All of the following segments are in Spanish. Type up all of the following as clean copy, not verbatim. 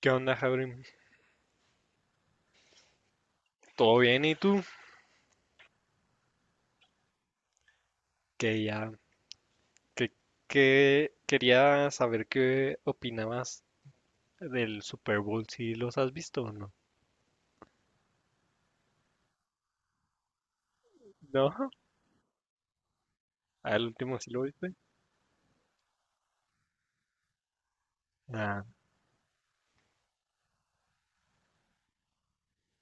¿Qué onda, Jabrim? ¿Todo bien? ¿Y tú? Que ya, que, que quería saber qué opinabas del Super Bowl, si los has visto o no. No, al último sí lo viste. Ah,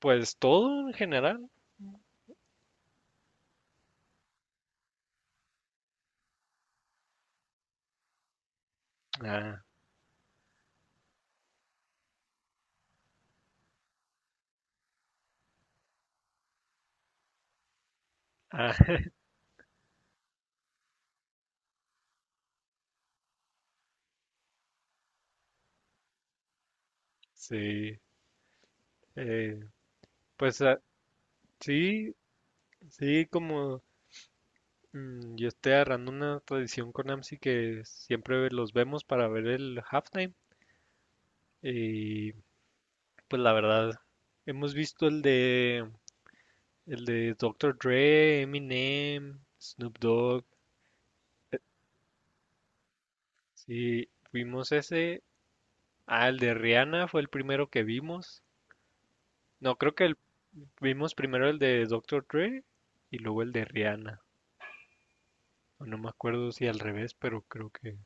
pues todo en general. Ah, ah, sí. Eh, pues ah, sí, sí, como yo estoy agarrando una tradición con AMSI que siempre los vemos para ver el halftime. Y pues la verdad, hemos visto el de el de Doctor Dre, Eminem, Snoop Dogg. Sí, vimos ese. Ah, el de Rihanna fue el primero que vimos. No, creo que el- vimos primero el de Doctor Dre y luego el de Rihanna. O no me acuerdo si al revés, pero creo que…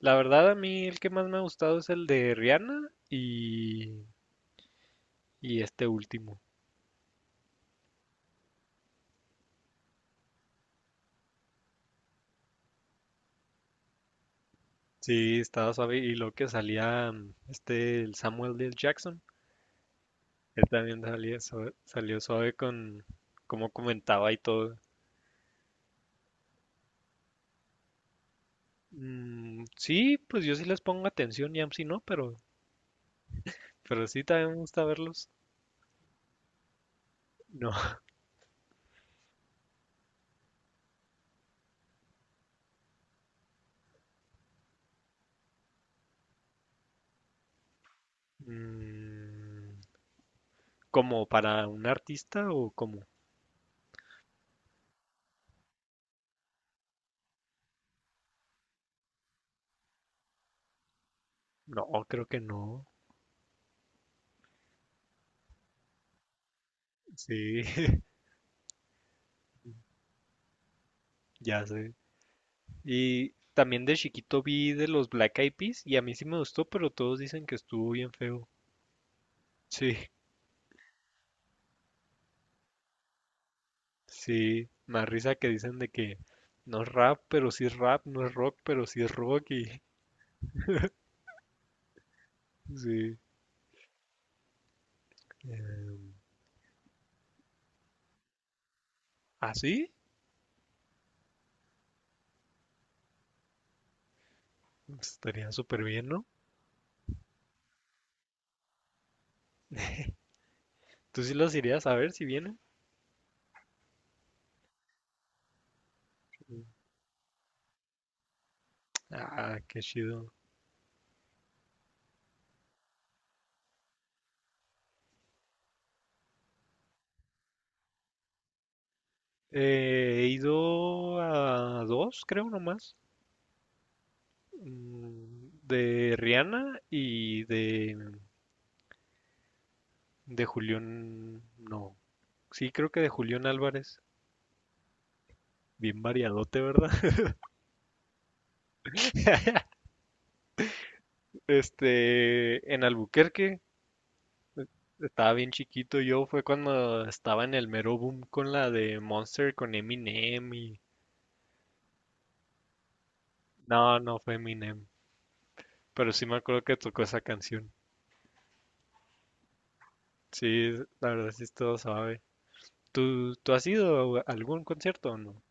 La verdad, a mí el que más me ha gustado es el de Rihanna y este último. Sí, estaba suave. Y lo que salía este, el Samuel L. Jackson. Él también salió suave con cómo comentaba y todo. Sí, pues yo sí les pongo atención y si no, pero sí también me gusta verlos. No. Mm, ¿como para un artista o como? No, creo que no. Sí, ya sé. Y también de chiquito vi de los Black Eyed Peas y a mí sí me gustó, pero todos dicen que estuvo bien feo. Sí, sí, más risa que dicen de que no es rap, pero sí es rap, no es rock, pero sí es rock y sí. ¿Así? Estaría súper bien, ¿no? ¿Tú sí los irías a ver si vienen? Ah, qué chido. He ido a dos, creo nomás. De Rihanna y de de Julián. No. Sí, creo que de Julián Álvarez. Bien variadote, ¿verdad? Este, en Albuquerque. Estaba bien chiquito yo, fue cuando estaba en el mero boom con la de Monster con Eminem y… No, no fue Eminem, pero sí me acuerdo que tocó esa canción. Sí, la verdad sí es todo suave. ¿Tú has ido a algún concierto o no?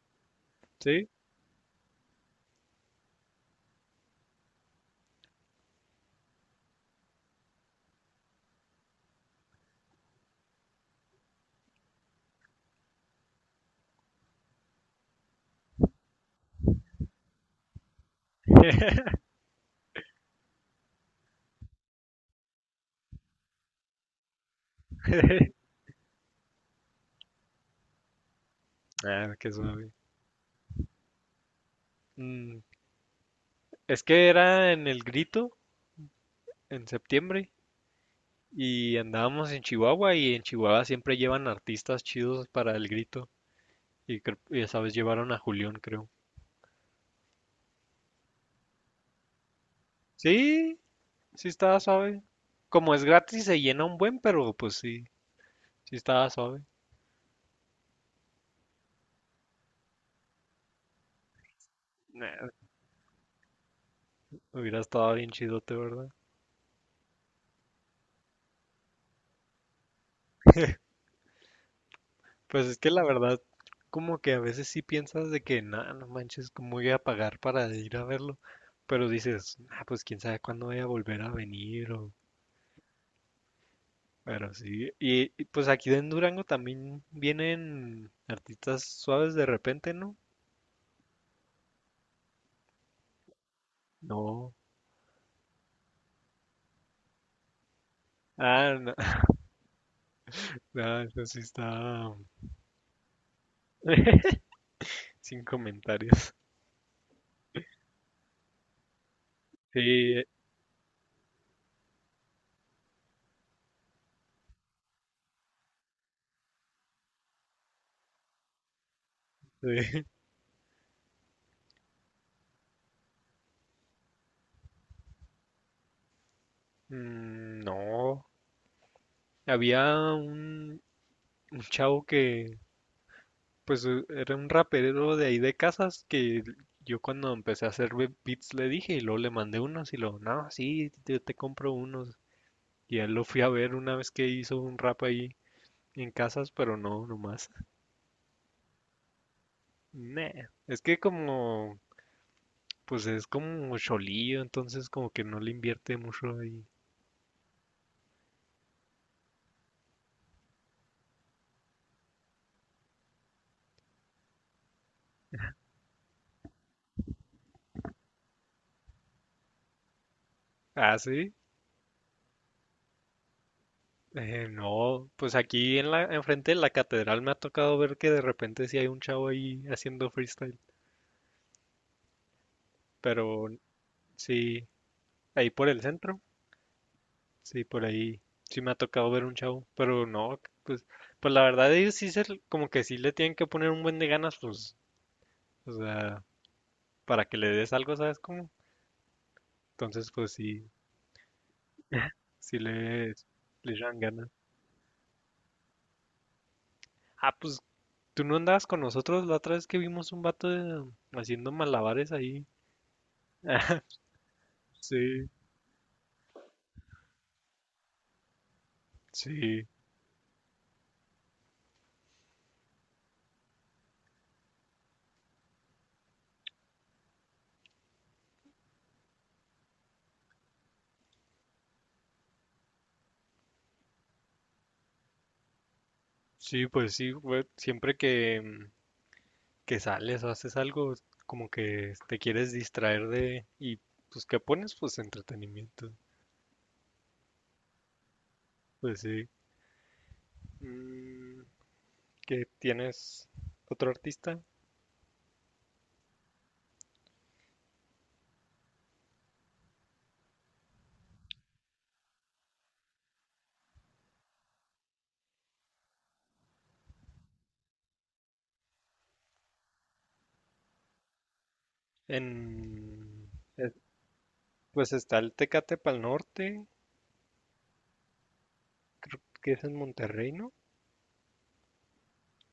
¿Sí? Ah, qué suave. Mm, es que era en El Grito, en septiembre, y andábamos en Chihuahua, y en Chihuahua siempre llevan artistas chidos para El Grito, y, y esa vez llevaron a Julián, creo. Sí, sí estaba suave. Como es gratis, se llena un buen, pero pues sí, sí estaba suave. Nah, hubiera estado bien chidote, ¿verdad? Pues es que la verdad, como que a veces sí piensas de que, no, no manches, ¿cómo voy a pagar para ir a verlo? Pero dices, ah, pues quién sabe cuándo voy a volver a venir o… Pero sí, pues aquí en Durango también vienen artistas suaves de repente, ¿no? No. Ah, no, no, eso sí está sin comentarios. Sí, sí. Mm, no. Había un, un chavo que pues era un rapero de ahí de Casas que yo cuando empecé a hacer beats le dije y luego le mandé unos y luego, no, sí, yo te compro unos. Y él lo fui a ver una vez que hizo un rap ahí en Casas, pero no, nomás. Nah. Pues es como cholillo, entonces como que no le invierte mucho ahí. Ah, sí. No, pues aquí en la, enfrente de la catedral me ha tocado ver que de repente sí hay un chavo ahí haciendo freestyle, pero sí, ahí por el centro. Sí, por ahí sí me ha tocado ver un chavo, pero no, pues, pues la verdad ellos sí se, como que sí le tienen que poner un buen de ganas, pues, o sea, para que le des algo, ¿sabes cómo? Entonces, pues sí, sí le echan ganas. Ah, pues, ¿tú no andabas con nosotros la otra vez que vimos un vato haciendo malabares ahí? Sí, sí, sí, pues sí, güey, siempre que, que sales o haces algo, como que te quieres distraer de, y pues, ¿qué pones? Pues entretenimiento. Pues sí. Mm, ¿qué tienes otro artista? En… eh, pues está el Tecate Pal Norte, creo que es en Monterrey, ¿no?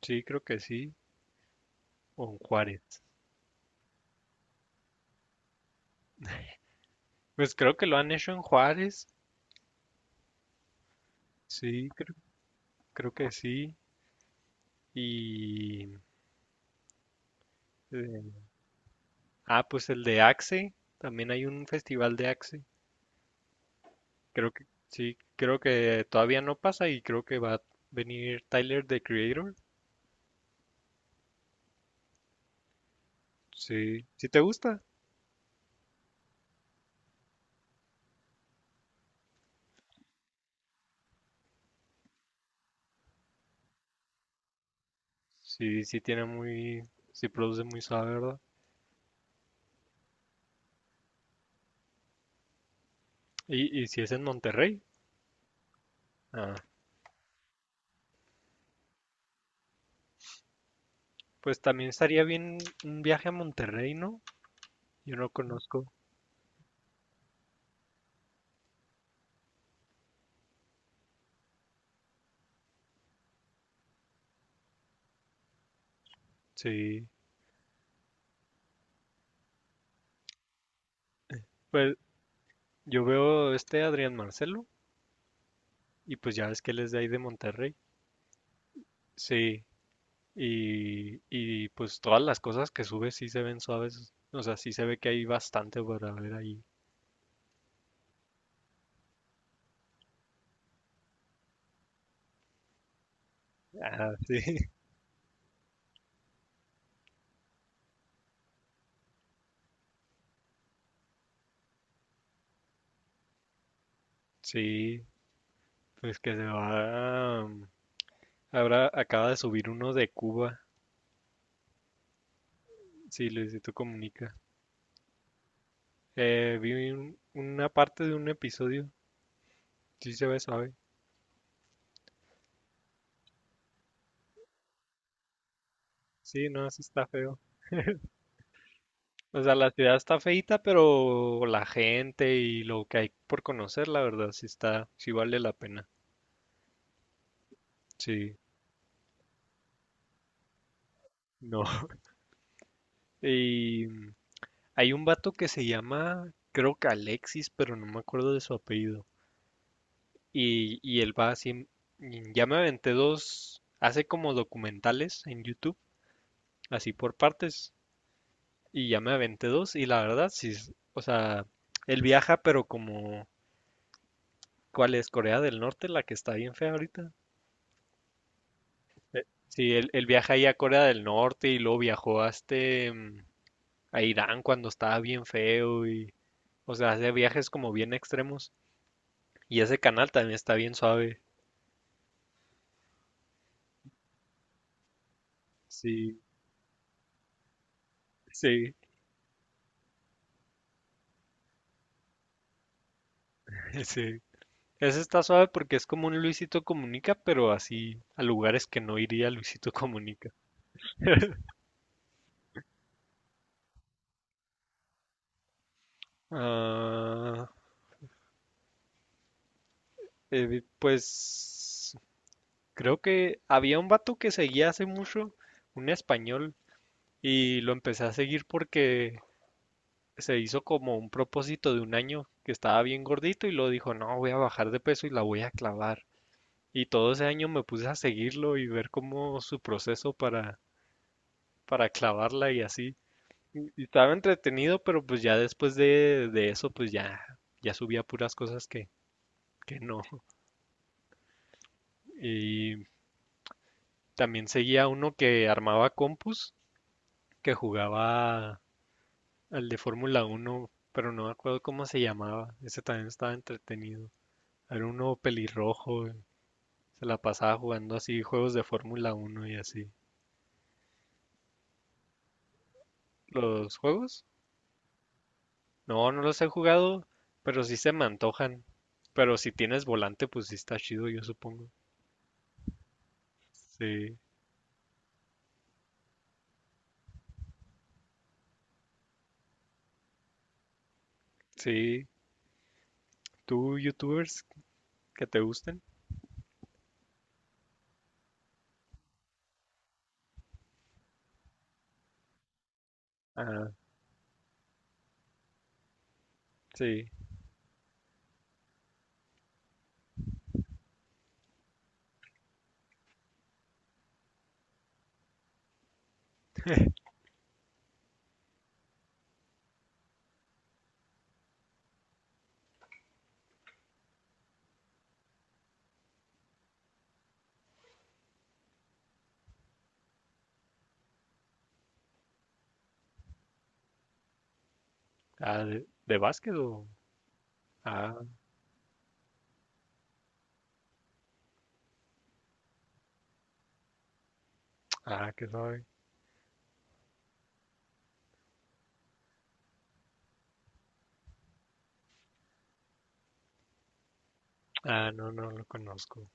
Sí, creo que sí. O en Juárez. Pues creo que lo han hecho en Juárez. Sí, creo, creo que sí. Y… eh, ah, pues el de Axe. También hay un festival de Axe. Creo que sí, creo que todavía no pasa y creo que va a venir Tyler, the Creator. Sí, si te gusta. Sí, sí produce muy suave, ¿verdad? Y si es en Monterrey, ah, pues también estaría bien un viaje a Monterrey, ¿no? Yo no conozco. Sí, pues yo veo este Adrián Marcelo y pues ya ves que él es de ahí de Monterrey. Sí, y pues todas las cosas que sube sí se ven suaves, o sea, sí se ve que hay bastante para ver ahí. Ah, sí, sí, pues que se va, ahora acaba de subir uno de Cuba. Sí, Luisito Comunica. Vi una parte de un episodio. Sí se ve suave. Sí, no, sí está feo. O sea, la ciudad está feita, pero la gente y lo que hay por conocer, la verdad, sí está, sí vale la pena. Sí, no. Y hay un vato que se llama, creo que Alexis, pero no me acuerdo de su apellido. Y él va así, ya me aventé dos, hace como documentales en YouTube, así por partes. Y ya me aventé dos y la verdad, sí, o sea, él viaja, pero como, ¿cuál es? Corea del Norte, la que está bien fea ahorita. Sí, él viaja ahí a Corea del Norte y luego viajó a este, a Irán cuando estaba bien feo y, o sea, hace viajes como bien extremos. Y ese canal también está bien suave. Sí, sí, sí. Ese está suave porque es como un Luisito Comunica, pero así a lugares que no iría Luisito Comunica. Ah, pues creo que había un vato que seguía hace mucho, un español, y lo empecé a seguir porque se hizo como un propósito de un año que estaba bien gordito y lo dijo, no, voy a bajar de peso y la voy a clavar. Y todo ese año me puse a seguirlo y ver cómo su proceso para clavarla y así. Y estaba entretenido, pero pues ya después de eso, pues ya, ya subía puras cosas que no. Y también seguía uno que armaba compus, que jugaba al de Fórmula uno pero no me acuerdo cómo se llamaba. Ese también estaba entretenido. Era uno pelirrojo, y se la pasaba jugando así juegos de Fórmula uno y así. ¿Los juegos? No, no los he jugado, pero sí se me antojan. Pero si tienes volante, pues sí está chido, yo supongo. Sí, sí. ¿Tú, youtubers que te gusten? Ah, sí. Ah, de básquet o…? Ah, ah, qué sabe. Ah, no, no lo conozco.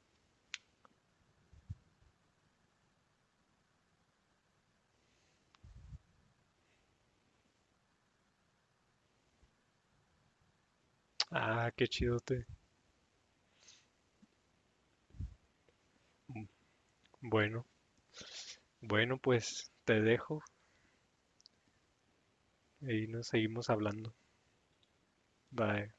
Ah, qué chidote. Bueno. Bueno, pues te dejo y nos seguimos hablando. Bye.